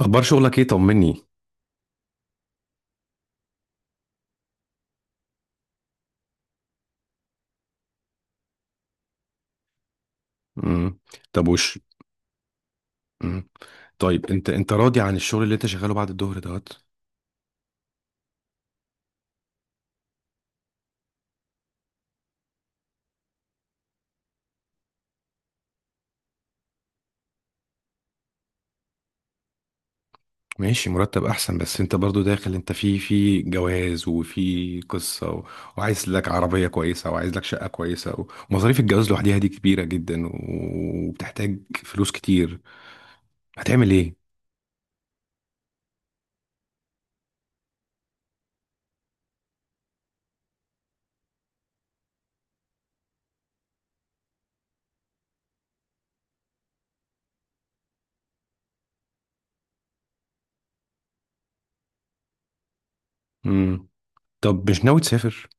اخبار شغلك ايه؟ طمني. امم. طب امم. طيب، انت راضي عن الشغل اللي انت شغاله بعد الظهر دوت؟ ماشي. مرتب احسن، بس انت برضو داخل انت في جواز وفي قصة وعايز لك عربية كويسة، وعايز لك شقة كويسة، ومصاريف الجواز لوحديها دي كبيرة جدا، وبتحتاج فلوس كتير. هتعمل ايه؟ امم. طب مش ناوي تسافر؟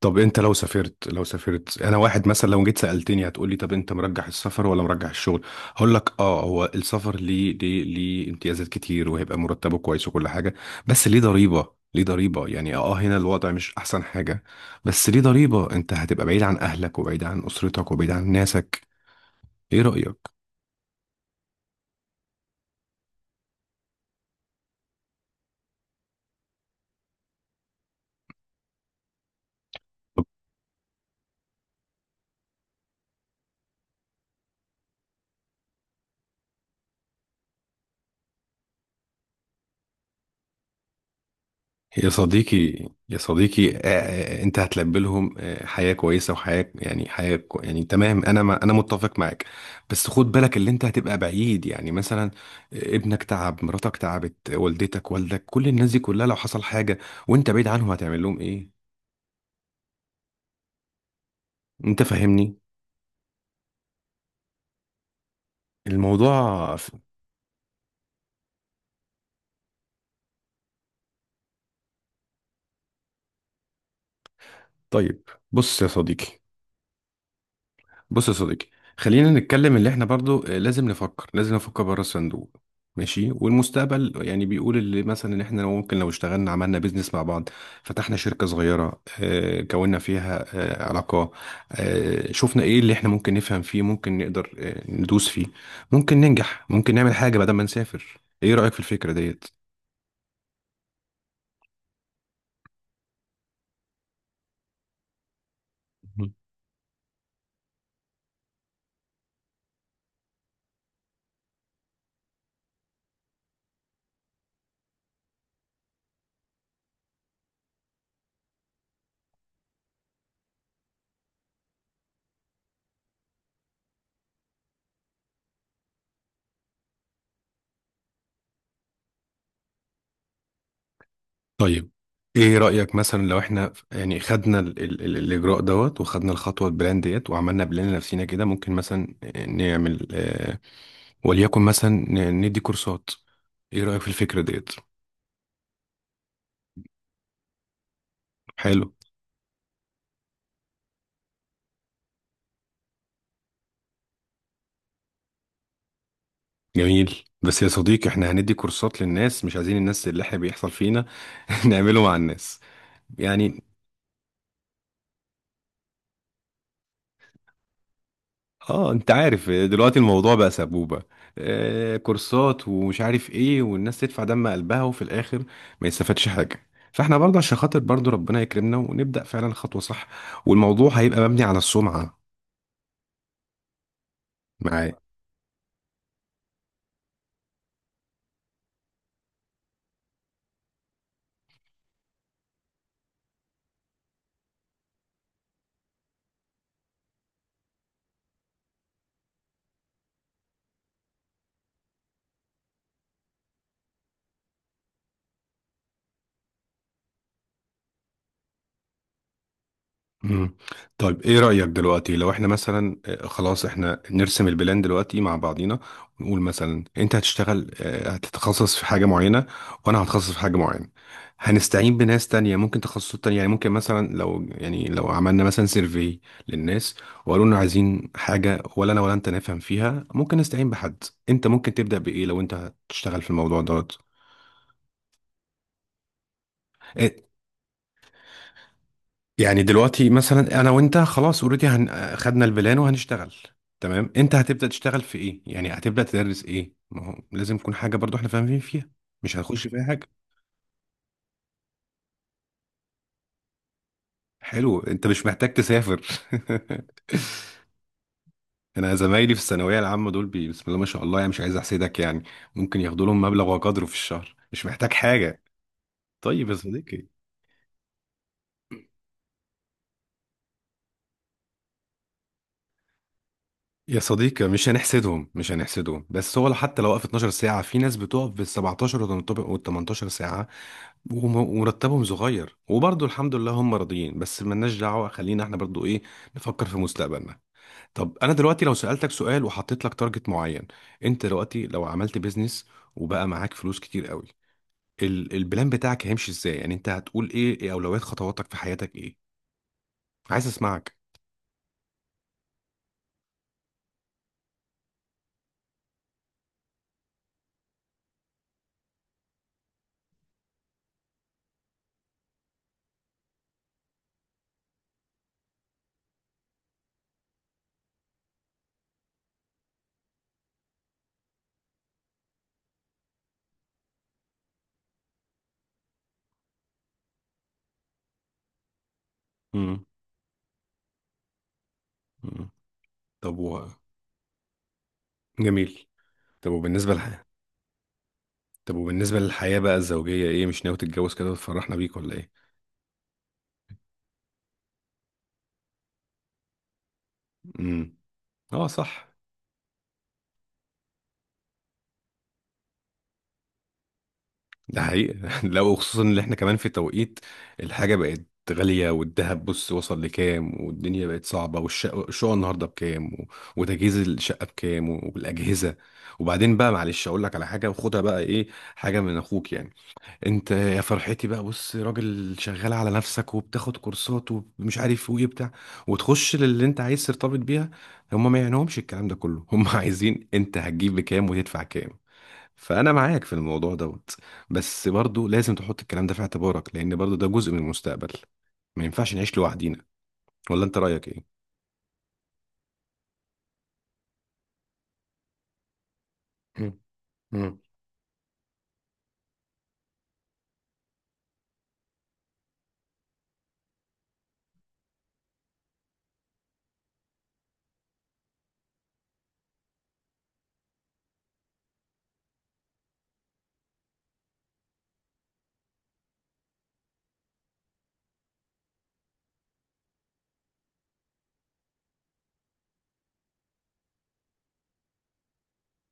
طب، انت لو سافرت، انا واحد مثلا لو جيت سألتني هتقولي: طب انت مرجح السفر ولا مرجح الشغل؟ هقول لك: هو السفر ليه امتيازات كتير، وهيبقى مرتبه كويس وكل حاجة، بس ليه ضريبة. ليه ضريبة؟ يعني هنا الوضع مش احسن حاجة، بس ليه ضريبة. انت هتبقى بعيد عن اهلك، وبعيد عن اسرتك، وبعيد عن ناسك. ايه رأيك؟ يا صديقي. يا صديقي، انت هتلبلهم حياة كويسة، وحياة، يعني حياة يعني تمام. انا، ما انا متفق معاك، بس خد بالك اللي انت هتبقى بعيد، يعني مثلا ابنك تعب، مراتك تعبت، والدتك، والدك، كل الناس دي كلها لو حصل حاجة وانت بعيد عنهم، هتعمل لهم ايه؟ انت فاهمني؟ الموضوع ف- طيب، بص يا صديقي. بص يا صديقي خلينا نتكلم اللي احنا برضو لازم نفكر، لازم نفكر بره الصندوق. ماشي، والمستقبل يعني بيقول اللي مثلا ان احنا، لو ممكن، لو اشتغلنا عملنا بيزنس مع بعض، فتحنا شركة صغيرة، كوننا فيها علاقة، شفنا ايه اللي احنا ممكن نفهم فيه، ممكن نقدر ندوس فيه، ممكن ننجح، ممكن نعمل حاجة بدل ما نسافر. ايه رأيك في الفكرة ديت؟ طيب، ايه رأيك مثلا لو احنا يعني خدنا ال ال ال الاجراء دوت، وخدنا الخطوة، البلان ديت، وعملنا بلان لنفسينا كده، ممكن مثلا نعمل وليكن مثلا ندي كورسات. ايه رأيك في الفكرة ديت؟ حلو. جميل، بس يا صديقي احنا هندي كورسات للناس مش عايزين، الناس اللي احنا بيحصل فينا. نعمله مع الناس. يعني اه انت عارف، دلوقتي الموضوع بقى سبوبة، كورسات ومش عارف ايه، والناس تدفع دم قلبها وفي الاخر ما يستفادش حاجة. فاحنا برضه عشان خاطر برضه ربنا يكرمنا ونبدأ فعلا خطوة صح، والموضوع هيبقى مبني على السمعة. معاه. مم. طيب، ايه رأيك دلوقتي لو احنا مثلا خلاص احنا نرسم البلان دلوقتي مع بعضينا، ونقول مثلا انت هتشتغل، هتتخصص في حاجة معينة، وانا هتخصص في حاجة معينة. هنستعين بناس تانية، ممكن تخصصات تانية، يعني ممكن مثلا لو، يعني لو عملنا مثلا سيرفي للناس، وقالوا لنا عايزين حاجة ولا انا ولا انت نفهم فيها، ممكن نستعين بحد. انت ممكن تبدأ بإيه لو انت هتشتغل في الموضوع دوت؟ آه. يعني دلوقتي مثلا انا وانت خلاص اوريدي خدنا البلان وهنشتغل. تمام. انت هتبدا تشتغل في ايه، يعني هتبدا تدرس ايه؟ ما هو لازم يكون حاجه برضو احنا فاهمين فيها، مش هنخش فيها حاجه. حلو، انت مش محتاج تسافر. انا زمايلي في الثانويه العامه دول بسم الله ما شاء الله، يعني مش عايز احسدك يعني. ممكن ياخدوا لهم مبلغ وقدره في الشهر، مش محتاج حاجه. طيب يا صديقي. مش هنحسدهم، مش هنحسدهم، بس هو حتى لو وقف 12 ساعة، في ناس بتقف بال 17 وال 18 ساعة، ومرتبهم صغير، وبرضه الحمد لله هم راضيين، بس ملناش دعوة. خلينا احنا برضه ايه، نفكر في مستقبلنا. طب انا دلوقتي لو سألتك سؤال وحطيت لك تارجت معين، انت دلوقتي لو عملت بيزنس وبقى معاك فلوس كتير قوي، البلان بتاعك هيمشي ازاي؟ يعني انت هتقول ايه اولويات خطواتك في حياتك؟ ايه؟ عايز اسمعك. امم. طب جميل. طب وبالنسبة طب وبالنسبة للحياة بقى الزوجية، ايه، مش ناوي تتجوز كده وتفرحنا بيك ولا ايه؟ امم. اه، صح. ده حقيقة. لو خصوصا ان احنا كمان في توقيت الحاجة بقت غالية، والذهب بص وصل لكام، والدنيا بقت صعبة، الشقة النهاردة بكام وتجهيز الشقة بكام والأجهزة. وبعدين بقى، معلش أقول لك على حاجة وخدها بقى، ايه، حاجة من أخوك يعني. انت يا فرحتي بقى، بص، راجل شغال على نفسك وبتاخد كورسات ومش عارف وايه بتاع، وتخش للي انت عايز ترتبط بيها، هم ما يعنيهمش الكلام ده كله. هم عايزين انت هتجيب بكام وتدفع كام. فانا معاك في الموضوع دوت، بس برضو لازم تحط الكلام ده في اعتبارك، لان برضو ده جزء من المستقبل. ما ينفعش نعيش لوحدينا، ولا انت رايك ايه؟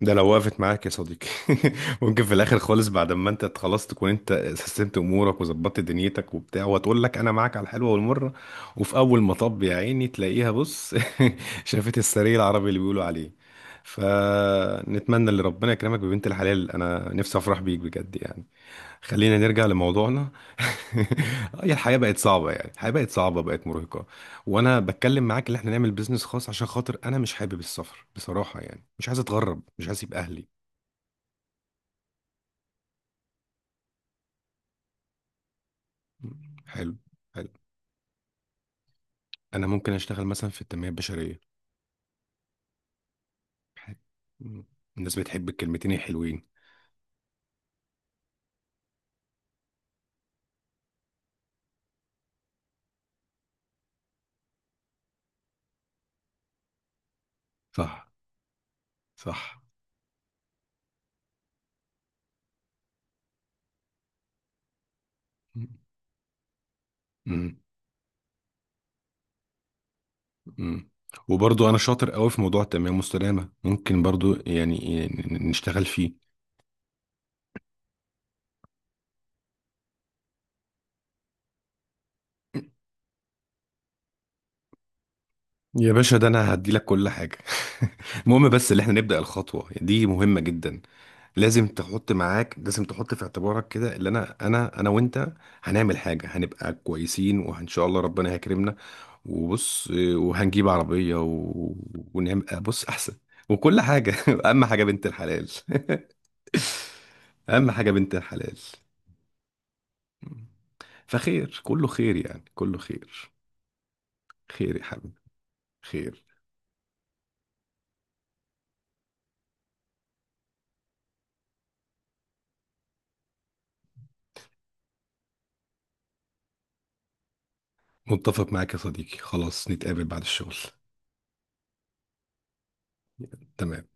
ده لو وقفت معاك يا صديقي. ممكن في الاخر خالص، بعد ما انت خلاص تكون انت سيستمت امورك وظبطت دنيتك وبتاع، وتقول لك: انا معاك على الحلوه والمره، وفي اول مطب يا عيني تلاقيها بص. شافت السرير العربي اللي بيقولوا عليه. فنتمنى ان ربنا يكرمك ببنت الحلال، انا نفسي افرح بيك بجد يعني. خلينا نرجع لموضوعنا. هي الحياة بقت صعبة يعني، الحياة بقت صعبة، بقت مرهقة. وانا بتكلم معاك ان احنا نعمل بيزنس خاص، عشان خاطر انا مش حابب السفر بصراحة يعني، مش عايز اتغرب، مش عايز اسيب اهلي. حلو، حلو. انا ممكن اشتغل مثلا في التنمية البشرية. الناس بتحب الكلمتين الحلوين. صح، صح. امم، امم. وبرضو انا شاطر قوي في موضوع التنمية المستدامة، ممكن برضو يعني نشتغل فيه. يا باشا، ده انا هديلك كل حاجة. المهم، بس اللي احنا نبدأ الخطوة دي مهمة جدا. لازم تحط معاك، لازم تحط في اعتبارك كده اللي انا، وانت هنعمل حاجة، هنبقى كويسين وان شاء الله ربنا هيكرمنا. وبص، وهنجيب عربية، ونعمل بص احسن، وكل حاجة. اهم حاجة بنت الحلال. اهم حاجة بنت الحلال. فخير، كله خير، يعني كله خير. خير يا حبيبي. خير. متفق معاك يا صديقي، خلاص نتقابل بعد الشغل. تمام.